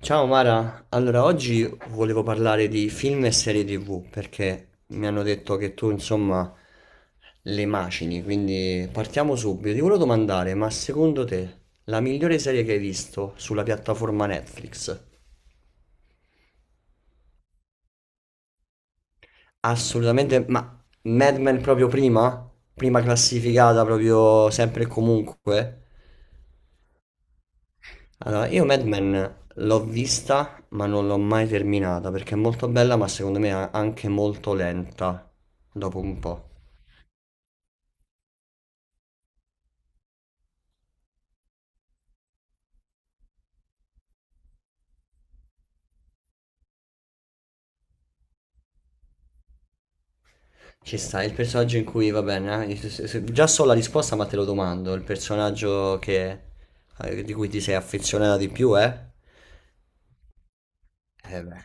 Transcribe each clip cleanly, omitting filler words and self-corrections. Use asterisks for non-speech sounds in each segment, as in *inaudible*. Ciao Mara, allora oggi volevo parlare di film e serie TV perché mi hanno detto che tu insomma le macini, quindi partiamo subito. Ti volevo domandare, ma secondo te la migliore serie che hai visto sulla piattaforma Netflix? Assolutamente, ma Mad Men proprio prima? Prima classificata proprio sempre e comunque? Allora, io Mad Men l'ho vista, ma non l'ho mai terminata perché è molto bella, ma secondo me è anche molto lenta dopo un po'. Ci sta il personaggio in cui, va bene, già so la risposta, ma te lo domando, il personaggio che, di cui ti sei affezionata di più, eh? Eh beh,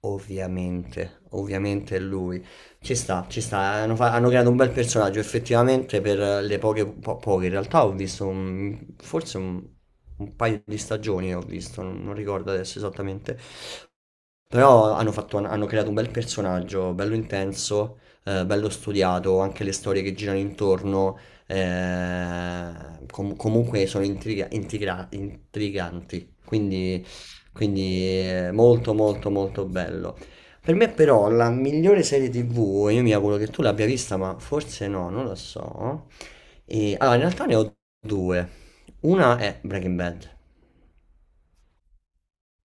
ovviamente, ovviamente è lui. Ci sta, ci sta. Hanno creato un bel personaggio effettivamente per le poche. In realtà ho visto forse un paio di stagioni, ho visto, non ricordo adesso esattamente. Però hanno creato un bel personaggio, bello intenso, bello studiato, anche le storie che girano intorno, eh, comunque sono intriganti, quindi molto molto molto bello. Per me però la migliore serie TV, io mi auguro che tu l'abbia vista, ma forse no, non lo so. E, allora, in realtà ne ho due. Una è Breaking Bad.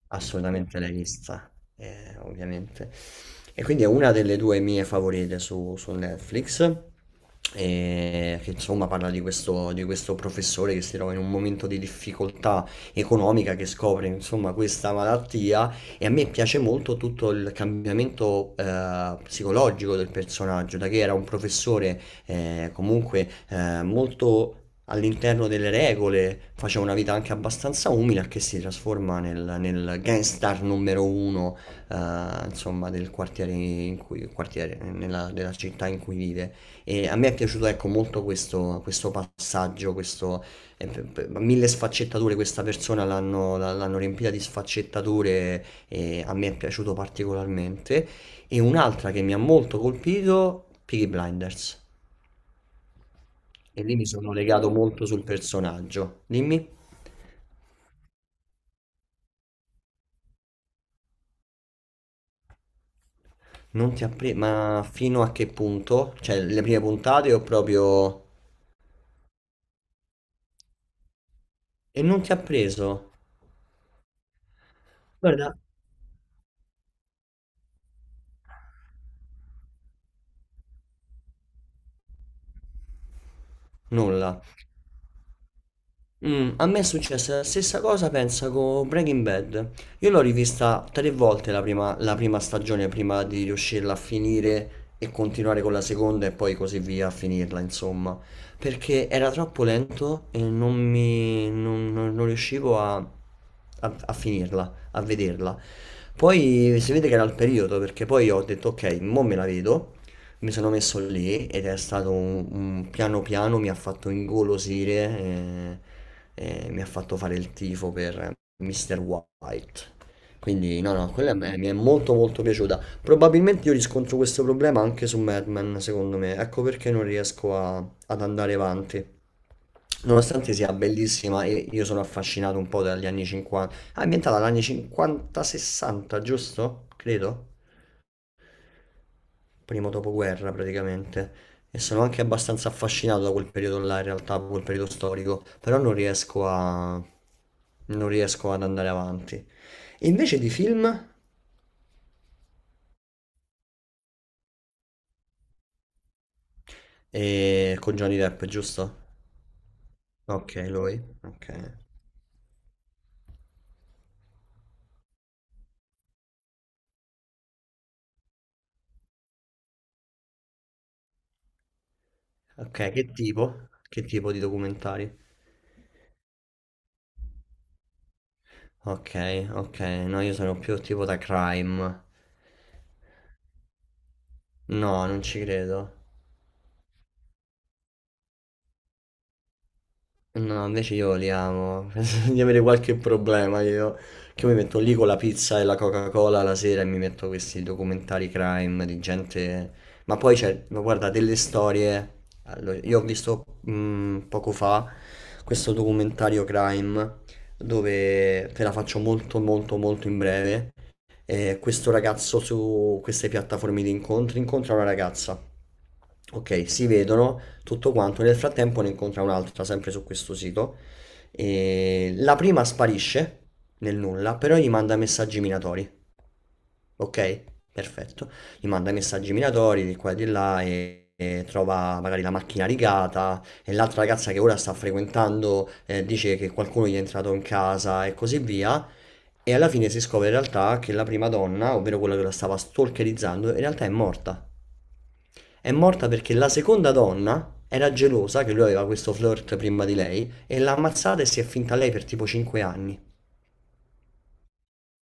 Assolutamente l'hai vista, ovviamente. E quindi è una delle due mie favorite su Netflix, che insomma parla di questo professore che si trova in un momento di difficoltà economica, che scopre insomma questa malattia e a me piace molto tutto il cambiamento psicologico del personaggio, da che era un professore comunque molto all'interno delle regole, faceva una vita anche abbastanza umile, a che si trasforma nel gangstar numero uno, eh, insomma, del quartiere in cui, quartiere, nella, della città in cui vive. E a me è piaciuto, ecco, molto questo, questo passaggio, questo, mille sfaccettature, questa persona l'hanno, l'hanno riempita di sfaccettature e a me è piaciuto particolarmente. E un'altra che mi ha molto colpito, Peaky Blinders. E lì mi sono legato molto sul personaggio. Dimmi, non ti ha preso, ma fino a che punto? Cioè, le prime puntate ho proprio... E non ti ha preso? Guarda, nulla. Mm, a me è successa la stessa cosa, pensa, con Breaking Bad. Io l'ho rivista 3 volte la prima stagione prima di riuscirla a finire e continuare con la seconda e poi così via a finirla, insomma. Perché era troppo lento e non non riuscivo a a finirla, a vederla. Poi si vede che era il periodo, perché poi ho detto ok, mo me la vedo. Mi sono messo lì ed è stato piano piano mi ha fatto ingolosire e mi ha fatto fare il tifo per Mr. White. Quindi no, no, mi è molto molto piaciuta. Probabilmente io riscontro questo problema anche su Mad Men, secondo me. Ecco perché non riesco ad andare avanti. Nonostante sia bellissima, e io sono affascinato un po' dagli anni 50. Ah, è ambientata dagli anni 50-60, giusto? Credo primo dopoguerra praticamente, e sono anche abbastanza affascinato da quel periodo là, in realtà, da quel periodo storico, però non riesco a... non riesco ad andare avanti. E invece di film, con Johnny Depp, giusto? Ok, lui, ok. Ok, che tipo? Che tipo di documentari? Ok, ok, no, io sono più tipo da crime. No, non ci credo. No, invece io li amo. *laughs* Penso di avere qualche problema io. Che io mi metto lì con la pizza e la Coca-Cola la sera e mi metto questi documentari crime di gente. Ma poi c'è, ma guarda, delle storie. Allora, io ho visto poco fa questo documentario crime dove te la faccio molto molto molto in breve questo ragazzo su queste piattaforme di incontri incontra una ragazza. Ok, si vedono tutto quanto. Nel frattempo ne incontra un'altra, sempre su questo sito. E la prima sparisce nel nulla, però gli manda messaggi minatori. Ok, perfetto. Gli manda i messaggi minatori di qua e di là e trova magari la macchina rigata e l'altra ragazza che ora sta frequentando dice che qualcuno gli è entrato in casa e così via. E alla fine si scopre in realtà che la prima donna, ovvero quella che la stava stalkerizzando, in realtà è morta. È morta perché la seconda donna era gelosa che lui aveva questo flirt prima di lei e l'ha ammazzata e si è finta lei per tipo 5 anni.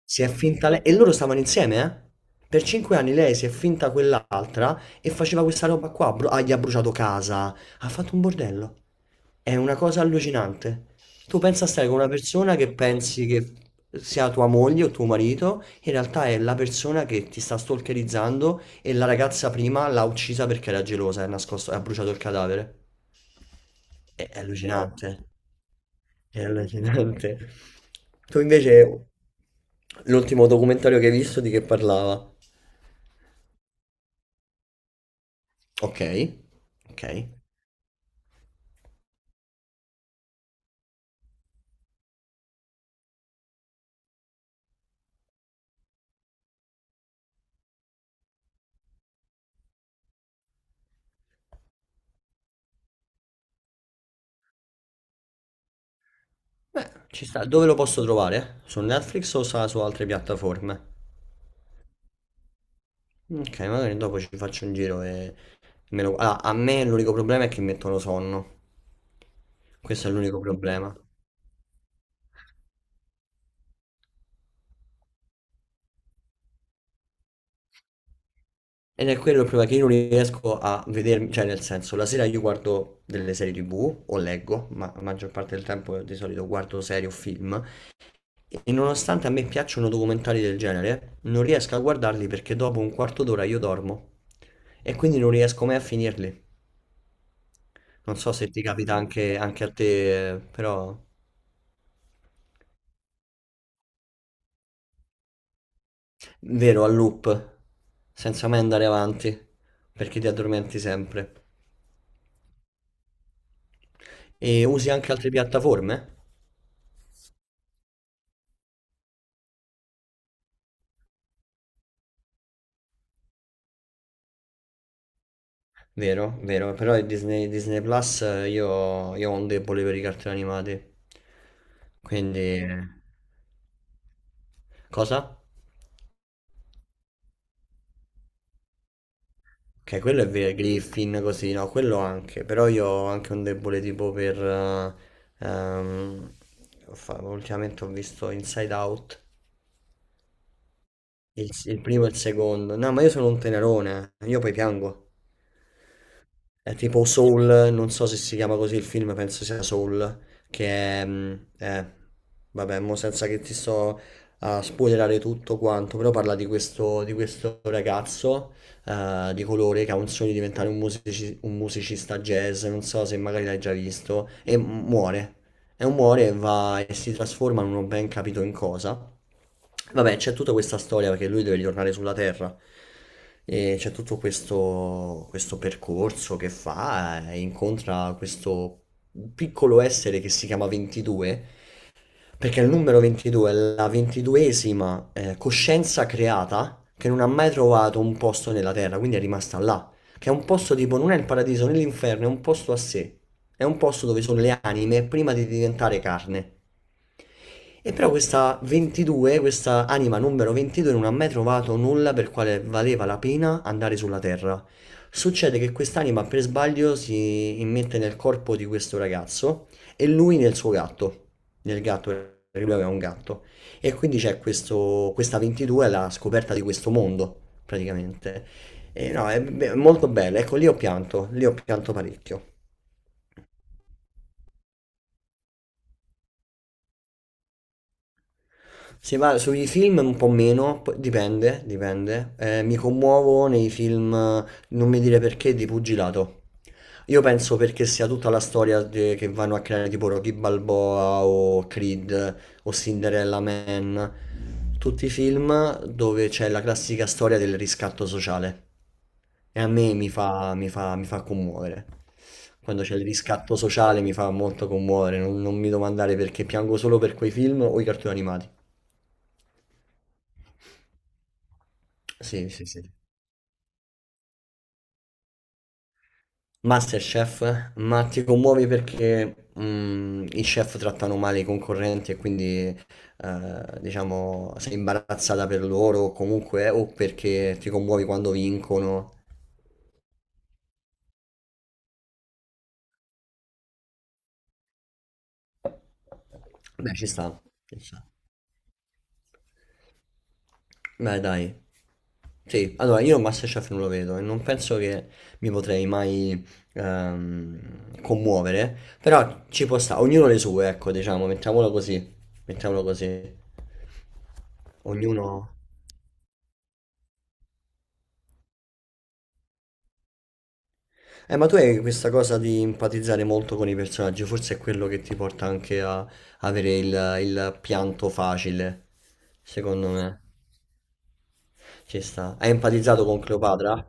Si è finta lei. E loro stavano insieme, eh? Per 5 anni lei si è finta quell'altra e faceva questa roba qua. Gli ha bruciato casa. Ha fatto un bordello. È una cosa allucinante. Tu pensa a stare con una persona che pensi che sia tua moglie o tuo marito, in realtà è la persona che ti sta stalkerizzando e la ragazza prima l'ha uccisa perché era gelosa e ha bruciato il cadavere. È allucinante. È allucinante. *laughs* Tu invece, l'ultimo documentario che hai visto di che parlava? Ok, ok. Beh, ci sta. Dove lo posso trovare? Su Netflix o su altre piattaforme? Ok, magari dopo ci faccio un giro e me lo... Allora, a me l'unico problema è che mi mettono sonno. Questo è l'unico problema. Ed è quello il problema che io non riesco a vedermi, cioè nel senso, la sera io guardo delle serie TV o leggo, ma la maggior parte del tempo di solito guardo serie o film, e nonostante a me piacciono documentari del genere, non riesco a guardarli perché dopo un quarto d'ora io dormo e quindi non riesco mai a finirli. Non so se ti capita anche, anche a te, però vero, a loop, senza mai andare avanti, perché ti addormenti sempre. E usi anche altre piattaforme? Vero, vero, però il Disney, Disney Plus io ho un debole per i cartoni animati. Quindi... Cosa? Ok, quello è vero, Griffin così, no, quello anche, però io ho anche un debole tipo per... ehm, ultimamente ho visto Inside Out, il primo e il secondo. No, ma io sono un tenerone, io poi piango. È tipo Soul, non so se si chiama così il film, penso sia Soul, che è... vabbè, mo senza che ti sto a spoilerare tutto quanto, però parla di questo ragazzo di colore che ha un sogno di diventare un musicista jazz, non so se magari l'hai già visto, e muore. E muore e va e si trasforma, non ho ben capito in cosa. Vabbè, c'è tutta questa storia perché lui deve ritornare sulla Terra. E c'è tutto questo, questo percorso che fa, e incontra questo piccolo essere che si chiama 22, perché il numero 22 è la ventiduesima coscienza creata che non ha mai trovato un posto nella terra, quindi è rimasta là. Che è un posto tipo, non è il paradiso né l'inferno, è un posto a sé. È un posto dove sono le anime prima di diventare carne. E però questa 22, questa anima numero 22 non ha mai trovato nulla per quale valeva la pena andare sulla Terra. Succede che quest'anima per sbaglio si immette nel corpo di questo ragazzo e lui nel suo gatto del gatto, perché lui aveva un gatto. E quindi c'è questo, questa 22 è la scoperta di questo mondo, praticamente. E no, molto bella. Ecco, lì ho pianto parecchio. Se va sui film un po' meno, dipende, dipende. Mi commuovo nei film, non mi dire perché, di pugilato. Io penso perché sia tutta la storia che vanno a creare tipo Rocky Balboa o Creed o Cinderella Man, tutti i film dove c'è la classica storia del riscatto sociale. E a me mi fa commuovere. Quando c'è il riscatto sociale mi fa molto commuovere, non mi domandare perché piango solo per quei film o i cartoni animati. Sì, sì, sì. Masterchef, ma ti commuovi perché i chef trattano male i concorrenti e quindi diciamo sei imbarazzata per loro o comunque o perché ti commuovi quando vincono. Beh, ci sta, ci sta. Beh, dai. Sì, allora io Masterchef non lo vedo e non penso che mi potrei mai commuovere, però ci può stare, ognuno le sue, ecco, diciamo, mettiamolo così, mettiamolo così. Ognuno... ma tu hai questa cosa di empatizzare molto con i personaggi, forse è quello che ti porta anche a avere il pianto facile, secondo me. Ci sta. Hai empatizzato con Cleopatra?